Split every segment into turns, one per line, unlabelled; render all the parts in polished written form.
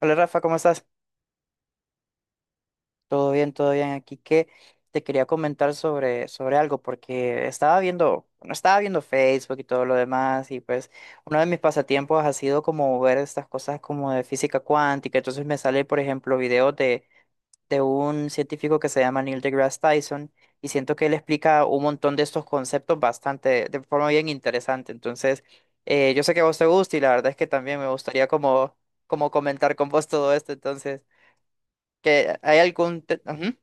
Hola Rafa, ¿cómo estás? Todo bien, todo bien. Aquí que te quería comentar sobre algo, porque bueno, estaba viendo Facebook y todo lo demás, y pues uno de mis pasatiempos ha sido como ver estas cosas como de física cuántica. Entonces me sale, por ejemplo, videos de un científico que se llama Neil deGrasse Tyson, y siento que él explica un montón de estos conceptos bastante, de forma bien interesante. Entonces, yo sé que a vos te gusta, y la verdad es que también me gustaría como comentar con vos todo esto, entonces. Que hay algún... te- Ujú.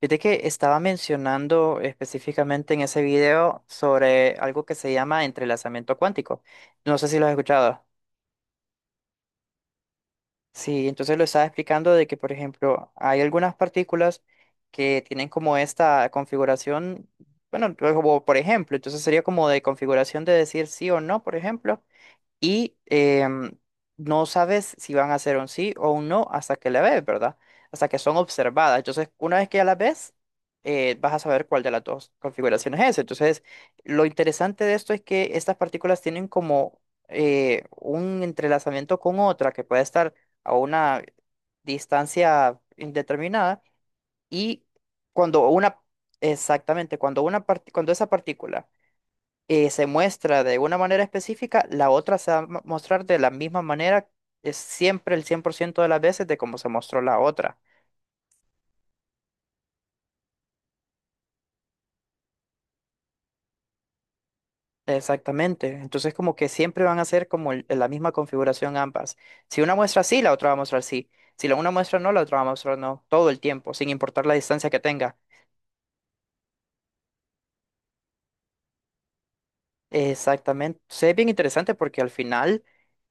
Fíjate que estaba mencionando específicamente en ese video sobre algo que se llama entrelazamiento cuántico. No sé si lo has escuchado. Sí, entonces lo estaba explicando de que, por ejemplo, hay algunas partículas que tienen como esta configuración, bueno, como por ejemplo, entonces sería como de configuración de decir sí o no, por ejemplo. Y no sabes si van a ser un sí o un no hasta que la ves, ¿verdad? Hasta que son observadas. Entonces, una vez que ya las ves, vas a saber cuál de las dos configuraciones es. Entonces, lo interesante de esto es que estas partículas tienen como un entrelazamiento con otra que puede estar a una distancia indeterminada y cuando una, exactamente, cuando esa partícula se muestra de una manera específica, la otra se va a mostrar de la misma manera, es siempre el 100% de las veces de cómo se mostró la otra. Exactamente. Entonces, como que siempre van a ser como la misma configuración ambas. Si una muestra sí, la otra va a mostrar sí. Si la una muestra no, la otra va a mostrar no, todo el tiempo, sin importar la distancia que tenga. Exactamente. Sí, es bien interesante porque al final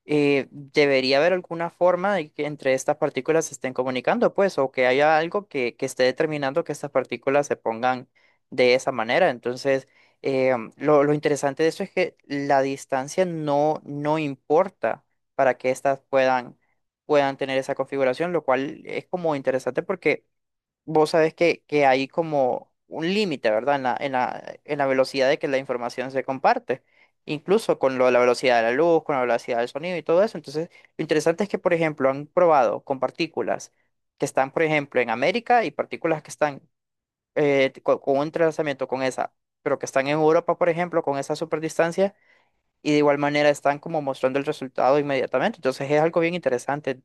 debería haber alguna forma de que entre estas partículas se estén comunicando, pues, o que haya algo que esté determinando que estas partículas se pongan de esa manera. Entonces, lo interesante de esto es que la distancia no importa para que estas puedan tener esa configuración, lo cual es como interesante porque vos sabés que hay como un límite, ¿verdad? En la velocidad de que la información se comparte, incluso con lo de la velocidad de la luz, con la velocidad del sonido y todo eso. Entonces, lo interesante es que, por ejemplo, han probado con partículas que están, por ejemplo, en América y partículas que están con, un trazamiento con esa, pero que están en Europa, por ejemplo, con esa superdistancia, y de igual manera están como mostrando el resultado inmediatamente. Entonces, es algo bien interesante,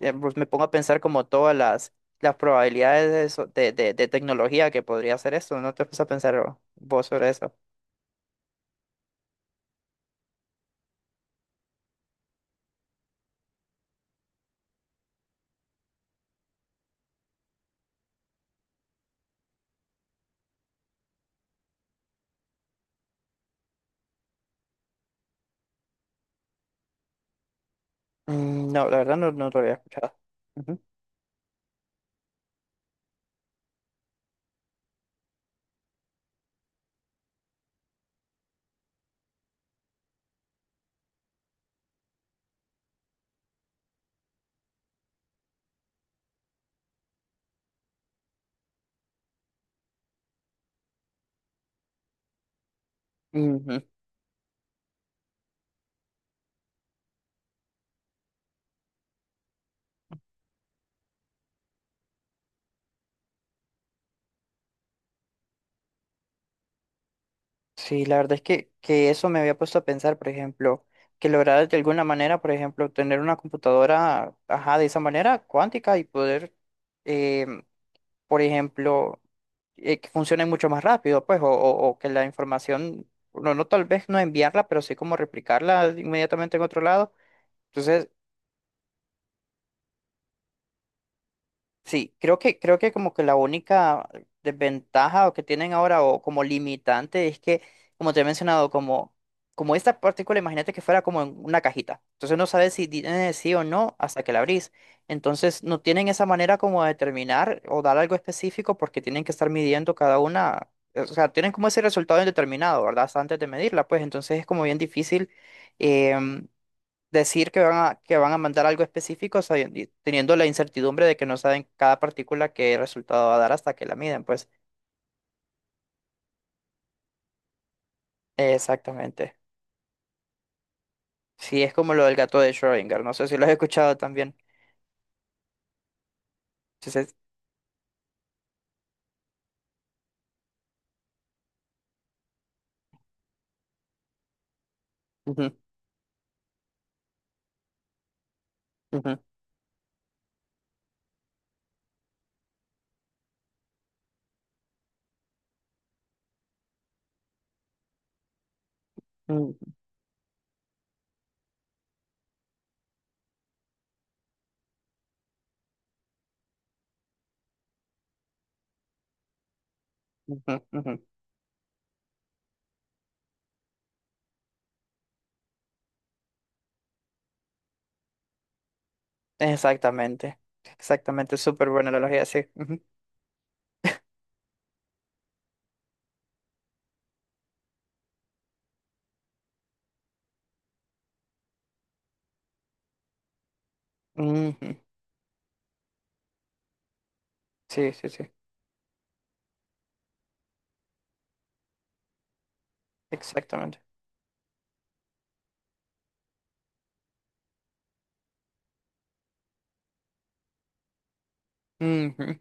pues me pongo a pensar como todas las probabilidades de, eso- de tecnología que podría hacer esto. ¿No te puse a pensar vos sobre eso? No, la verdad no, lo había escuchado. Ujú. Ujú. Sí, la verdad es que eso me había puesto a pensar, por ejemplo, que lograr de alguna manera, por ejemplo, tener una computadora, ajá, de esa manera, cuántica y poder em, por ejemplo, que funcione mucho más rápido, pues, o que la información, no tal vez no enviarla, pero sí como replicarla inmediatamente en otro lado. Entonces, sí, creo que, como que la única desventaja o que tienen ahora o como limitante es que, como te he mencionado, como esta partícula, imagínate que fuera como en una cajita. Entonces no sabes si tiene sí o no hasta que la abrís. Entonces no tienen esa manera como de determinar o dar algo específico porque tienen que estar midiendo cada una. O sea, tienen como ese resultado indeterminado, ¿verdad? Hasta antes de medirla, pues entonces es como bien difícil. em, decir que van a, mandar algo específico, y teniendo la incertidumbre de que no saben cada partícula qué resultado va a dar hasta que la miden, pues. Exactamente. Sí, es como lo del gato de Schrödinger, no sé si lo has escuchado también. Entonces, ujú, ujú, ujú, ujú, ujú. Exactamente, exactamente, súper buena analogía, sí. Ujú, ujú. Sí, sí, sí, exactamente. Ujú,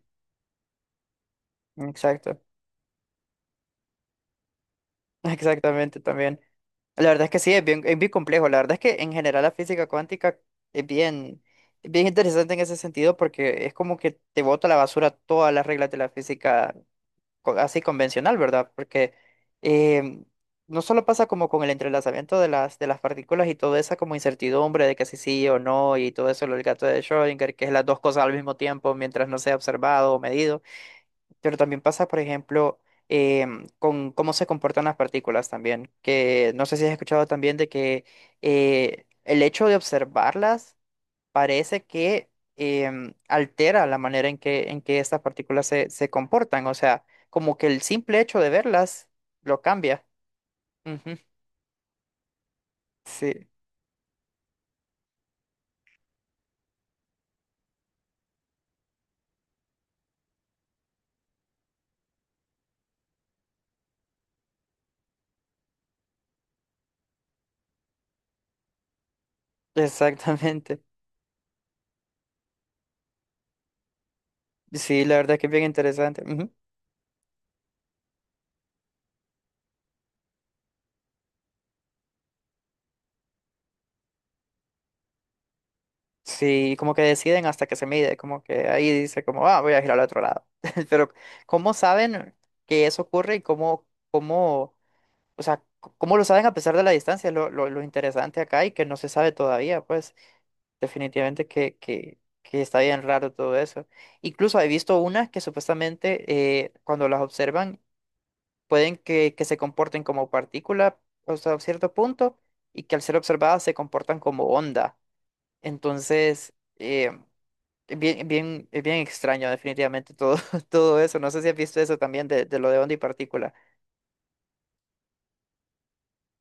exacto, exactamente también. La verdad es que sí, es bien complejo. La verdad es que en general la física cuántica es bien, es bien interesante en ese sentido porque es como que te bota a la basura todas las reglas de la física así convencional, ¿verdad? Porque em, no solo pasa como con el entrelazamiento de las partículas y toda esa como incertidumbre de que si sí o no y todo eso, lo del gato de Schrödinger, que es las dos cosas al mismo tiempo mientras no sea observado o medido, pero también pasa, por ejemplo, con cómo se comportan las partículas también, que no sé si has escuchado también de que el hecho de observarlas parece que altera la manera en que estas partículas se comportan, o sea, como que el simple hecho de verlas lo cambia. Ujú. Sí, exactamente. Sí, la verdad que es bien interesante. Ujú. Sí, como que deciden hasta que se mide, como que ahí dice como, ah, voy a girar al otro lado. Pero, ¿cómo saben que eso ocurre y cómo, o sea, cómo lo saben a pesar de la distancia? Lo interesante acá y que no se sabe todavía, pues, definitivamente que está bien raro todo eso. Incluso he visto unas que supuestamente, cuando las observan, pueden que se comporten como partícula hasta cierto punto y que al ser observadas se comportan como onda. Entonces... eh, Bien, bien, es bien extraño, definitivamente, todo, todo eso. No sé si has visto eso también de, lo de onda y partícula.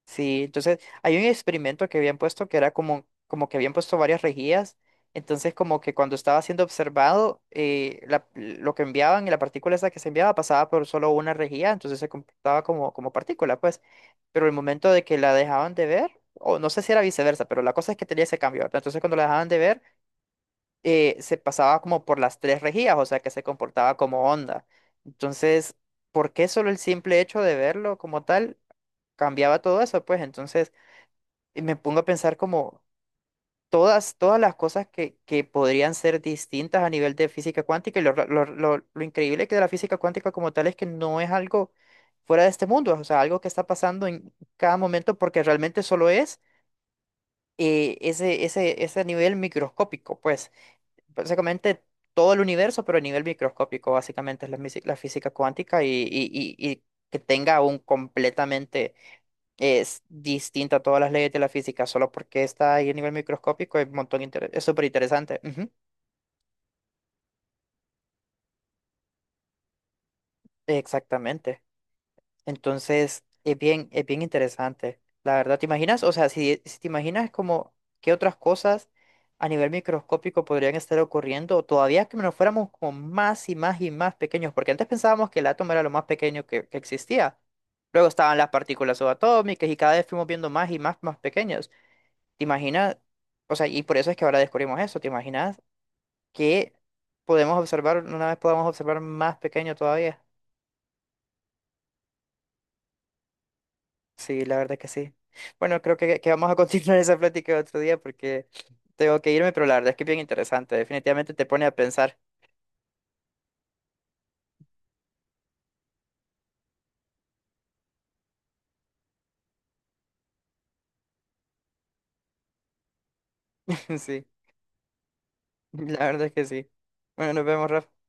Sí, entonces hay un experimento que habían puesto que era como que habían puesto varias rejillas. Entonces, como que cuando estaba siendo observado, lo que enviaban y la partícula esa que se enviaba pasaba por solo una rejilla, entonces se comportaba como partícula, pues. Pero el momento de que la dejaban de ver, o no sé si era viceversa, pero la cosa es que tenía ese cambio, ¿verdad? Entonces, cuando la dejaban de ver, se pasaba como por las tres rejillas, o sea que se comportaba como onda. Entonces, ¿por qué solo el simple hecho de verlo como tal cambiaba todo eso? Pues entonces y me pongo a pensar como todas las cosas que podrían ser distintas a nivel de física cuántica, y lo increíble que de la física cuántica como tal es que no es algo fuera de este mundo, o sea, algo que está pasando en cada momento porque realmente solo es, ese nivel microscópico, pues básicamente todo el universo, pero a nivel microscópico, básicamente es la física cuántica y que tenga un completamente es distinta a todas las leyes de la física, solo porque está ahí a nivel microscópico, es un montón es súper interesante. Ujú, exactamente. Entonces, es bien interesante. La verdad, ¿te imaginas? O sea, si te imaginas como qué otras cosas a nivel microscópico podrían estar ocurriendo, todavía que nos fuéramos como más y más y más pequeños, porque antes pensábamos que el átomo era lo más pequeño que existía. Luego estaban las partículas subatómicas y cada vez fuimos viendo más y más, más pequeños. ¿Te imaginas? O sea, y por eso es que ahora descubrimos eso. ¿Te imaginas que podemos observar, una vez podamos observar más pequeño todavía? Sí, la verdad que sí. Bueno, creo que vamos a continuar esa plática otro día porque tengo que irme, pero la verdad es que es bien interesante. Definitivamente te pone a pensar. Sí, la verdad es que sí. Bueno, nos vemos, Rafa.